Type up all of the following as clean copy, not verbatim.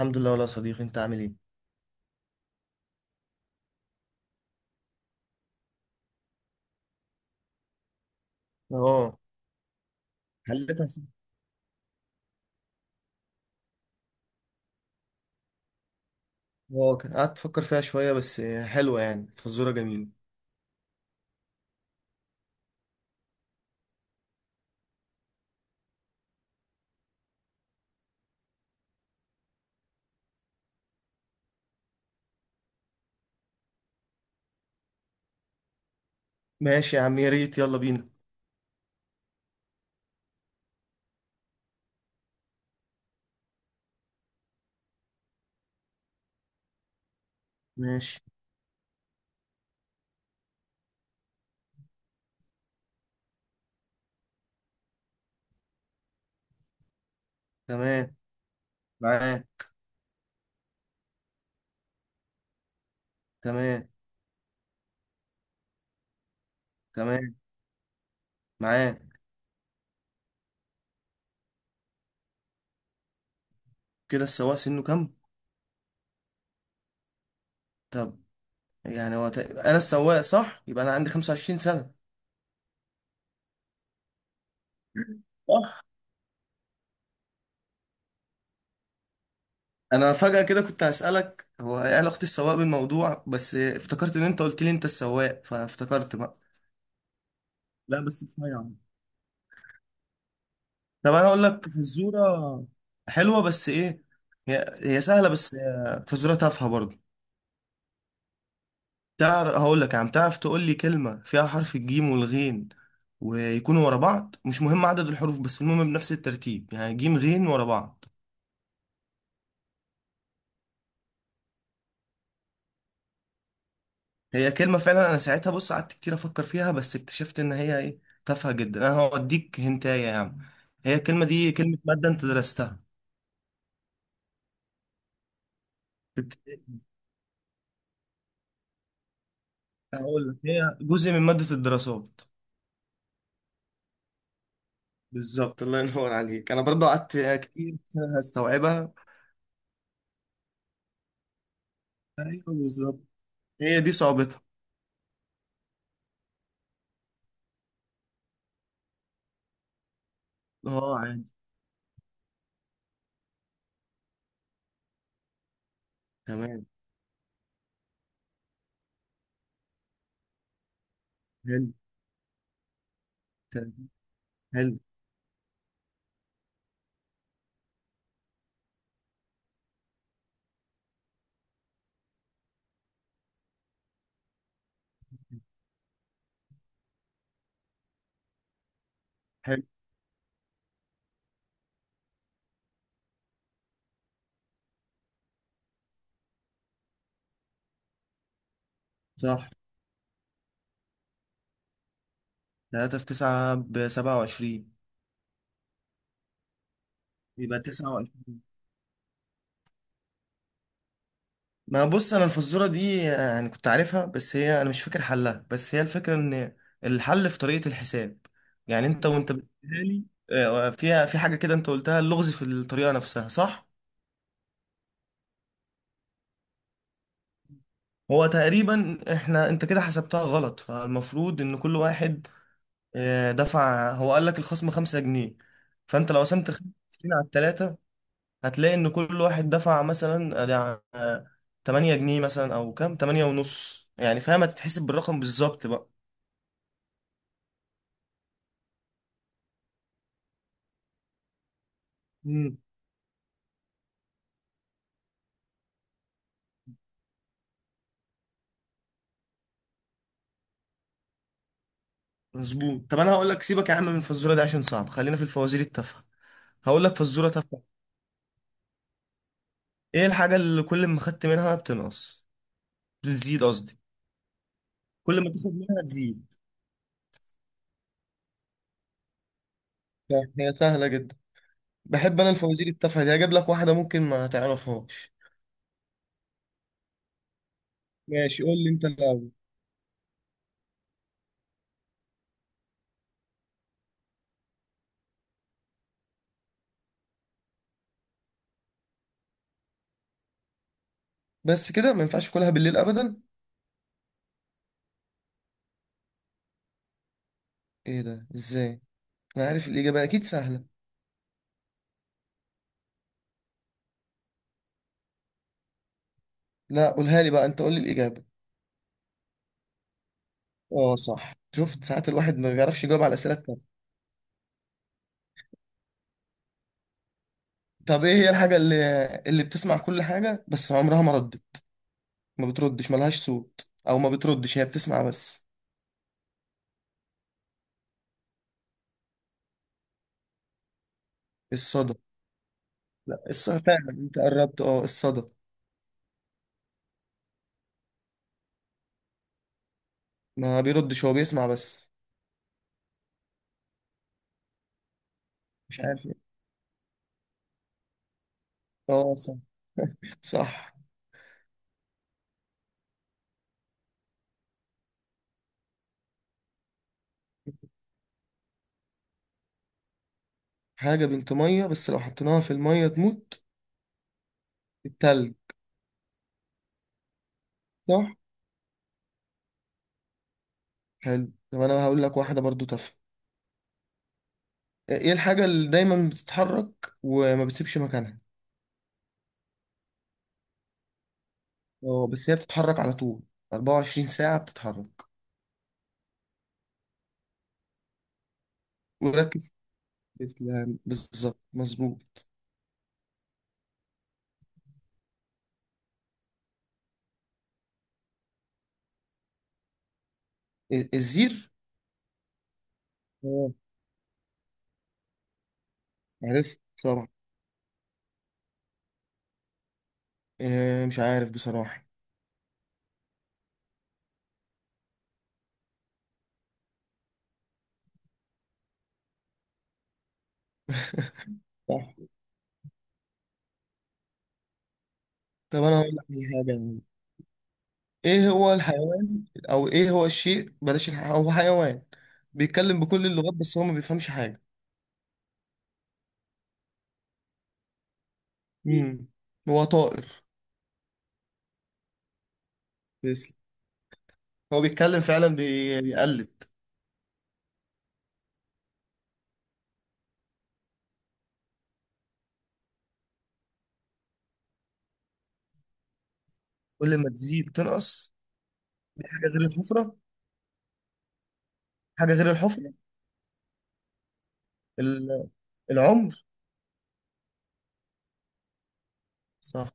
الحمد لله، والله يا صديقي. انت عامل ايه؟ اه. حلتها س- اه، كان قعدت افكر فيها شويه، بس حلوه يعني، فزوره جميله. ماشي يا عم، يا ريت، يلا بينا. ماشي. تمام. معاك. تمام. تمام. معاك. كده السواق سنه كام؟ طب، يعني هو انا السواق صح، يبقى انا عندي 25 سنه. صح. انا فجاه كده كنت هسالك هو ايه علاقه السواق بالموضوع، بس افتكرت ان انت قلت لي انت السواق، فافتكرت بقى. لا بس صحيح. طب انا اقول لك فزوره حلوه، بس ايه، هي سهله، بس فزوره تافهه برضه. تعرف؟ هقول لك يا عم، تعرف تقول لي كلمه فيها حرف الجيم والغين، ويكونوا ورا بعض، مش مهم عدد الحروف، بس المهم بنفس الترتيب، يعني جيم غين ورا بعض. هي كلمه فعلا، انا ساعتها بص قعدت كتير افكر فيها، بس اكتشفت ان هي ايه، تافهه جدا. انا هوديك هنتايه يا عم. هي الكلمه دي كلمه ماده انت درستها في ابتدائي. هقول لك، هي جزء من ماده الدراسات. بالظبط، الله ينور عليك. انا برضو قعدت كتير هستوعبها. ايوه بالظبط، هي دي صعوبتها. اه عادي. تمام. حلو. تمام. حلو. حلو. صح. 3 في 9 ب 27. يبقى 29. ما بص، انا الفزوره دي يعني كنت عارفها، بس هي انا مش فاكر حلها، بس هي الفكره ان الحل في طريقه الحساب. يعني انت وانت بتقولها لي، فيها في حاجه كده، انت قلتها، اللغز في الطريقه نفسها صح. هو تقريبا احنا، انت كده حسبتها غلط، فالمفروض ان كل واحد دفع، هو قال لك الخصم خمسة جنيه. فانت لو قسمت الخمسة جنيه على التلاتة، هتلاقي ان كل واحد دفع مثلا آه، ده، آه، تمانية جنيه مثلا، او كام، تمانية ونص، يعني فاهم، هتتحسب بالرقم بالظبط بقى. امم. مظبوط. طب انا هقول لك، سيبك يا عم من الفزوره دي عشان صعب، خلينا في الفوازير التافهه. هقول لك فزوره تافهه. ايه الحاجه اللي كل ما خدت منها بتنقص، بتزيد قصدي، كل ما تاخد منها تزيد؟ هي سهله جدا. بحب انا الفوازير التافهه دي، هجيب لك واحده ممكن ما تعرفهاش. ماشي، قول لي انت الاول. بس كده، ما ينفعش اكلها بالليل ابدا. ايه ده، ازاي؟ انا عارف الاجابه اكيد سهله. لا قولها لي بقى، انت قول لي الاجابه. اه صح، شفت ساعات الواحد ما بيعرفش يجاوب على الاسئله التانية. طب ايه هي الحاجه اللي بتسمع كل حاجه بس عمرها ما ردت، ما بتردش، ملهاش صوت، او ما بتردش، هي بتسمع بس؟ الصدى. لا الصدى فعلا، انت قربت، اه الصدى، ما بيردش هو بيسمع بس. مش عارف ايه. اه صح. صح. حاجه بنت ميه بس لو حطيناها في الميه تموت. التلج. صح. حلو، طب انا هقول لك واحده برضو تافهه. ايه الحاجه اللي دايما بتتحرك وما بتسيبش مكانها؟ اه بس، هي بتتحرك على طول، 24 ساعه بتتحرك. وركز. تسلم، بالظبط، مظبوط. إيه، الزير. اه عرفت طبعا. إيه مش عارف بصراحه. صح. طب انا هقول لك على حاجه يعني. ايه هو الحيوان، او ايه هو الشيء، هو حيوان بيتكلم بكل اللغات، بس هو ما بيفهمش حاجه. امم. هو طائر بس، هو بيتكلم فعلا بيقلد. كل ما تزيد تنقص. دي حاجة غير الحفرة. حاجة غير الحفرة. ال- العمر. صح.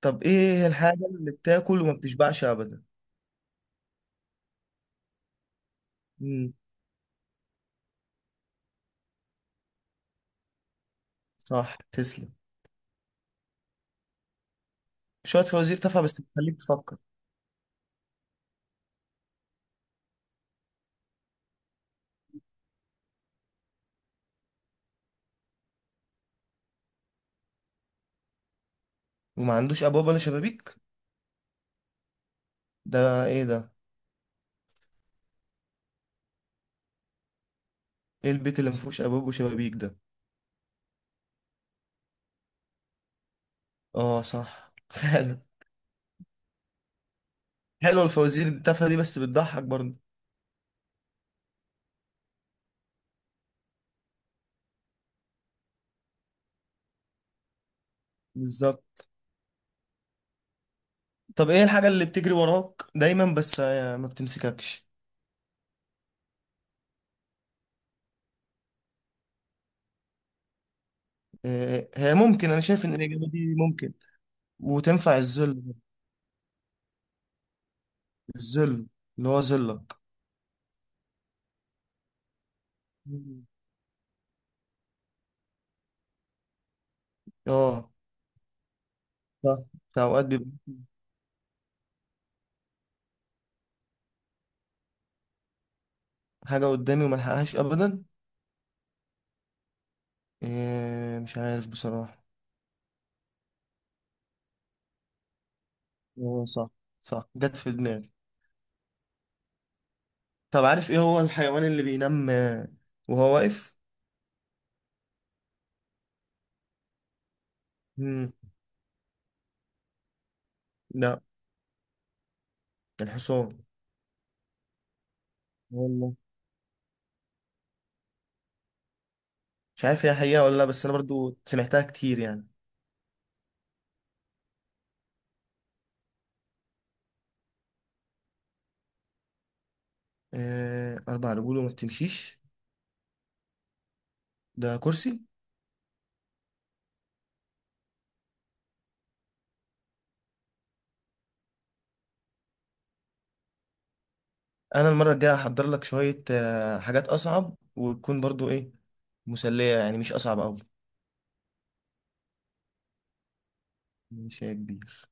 طب ايه هي الحاجة اللي بتاكل وما بتشبعش ابدا؟ امم. صح تسلم. شوية فوازير تافهة، بس بتخليك تفكر. وما عندوش ابواب ولا شبابيك. ده ايه ده؟ ايه البيت اللي ما فيهوش ابواب وشبابيك ده؟ اه صح، فعلا. حلوة الفوازير التافهة دي، بس بتضحك برضه. بالظبط. طب ايه الحاجة اللي بتجري وراك دايما، بس ما بتمسككش؟ هي ممكن، انا شايف ان الاجابة دي ممكن وتنفع الذل. الذل، اللي هو ذلك. مم. اه ده ده اوقات بيبقى حاجة قدامي وملحقهاش ابدا. إيه مش عارف بصراحة. هو صح، صح، جت في دماغي. طب عارف ايه هو الحيوان اللي بينام وهو واقف؟ مم. لا الحصان. والله. مش عارف هي حقيقة ولا لا، بس انا برضو سمعتها كتير يعني. إيه اربع رجول وما بتمشيش؟ ده كرسي. انا المره الجايه هحضر لك شويه حاجات اصعب، وتكون برضو ايه، مسليه يعني، مش اصعب قوي. مش هي كبير.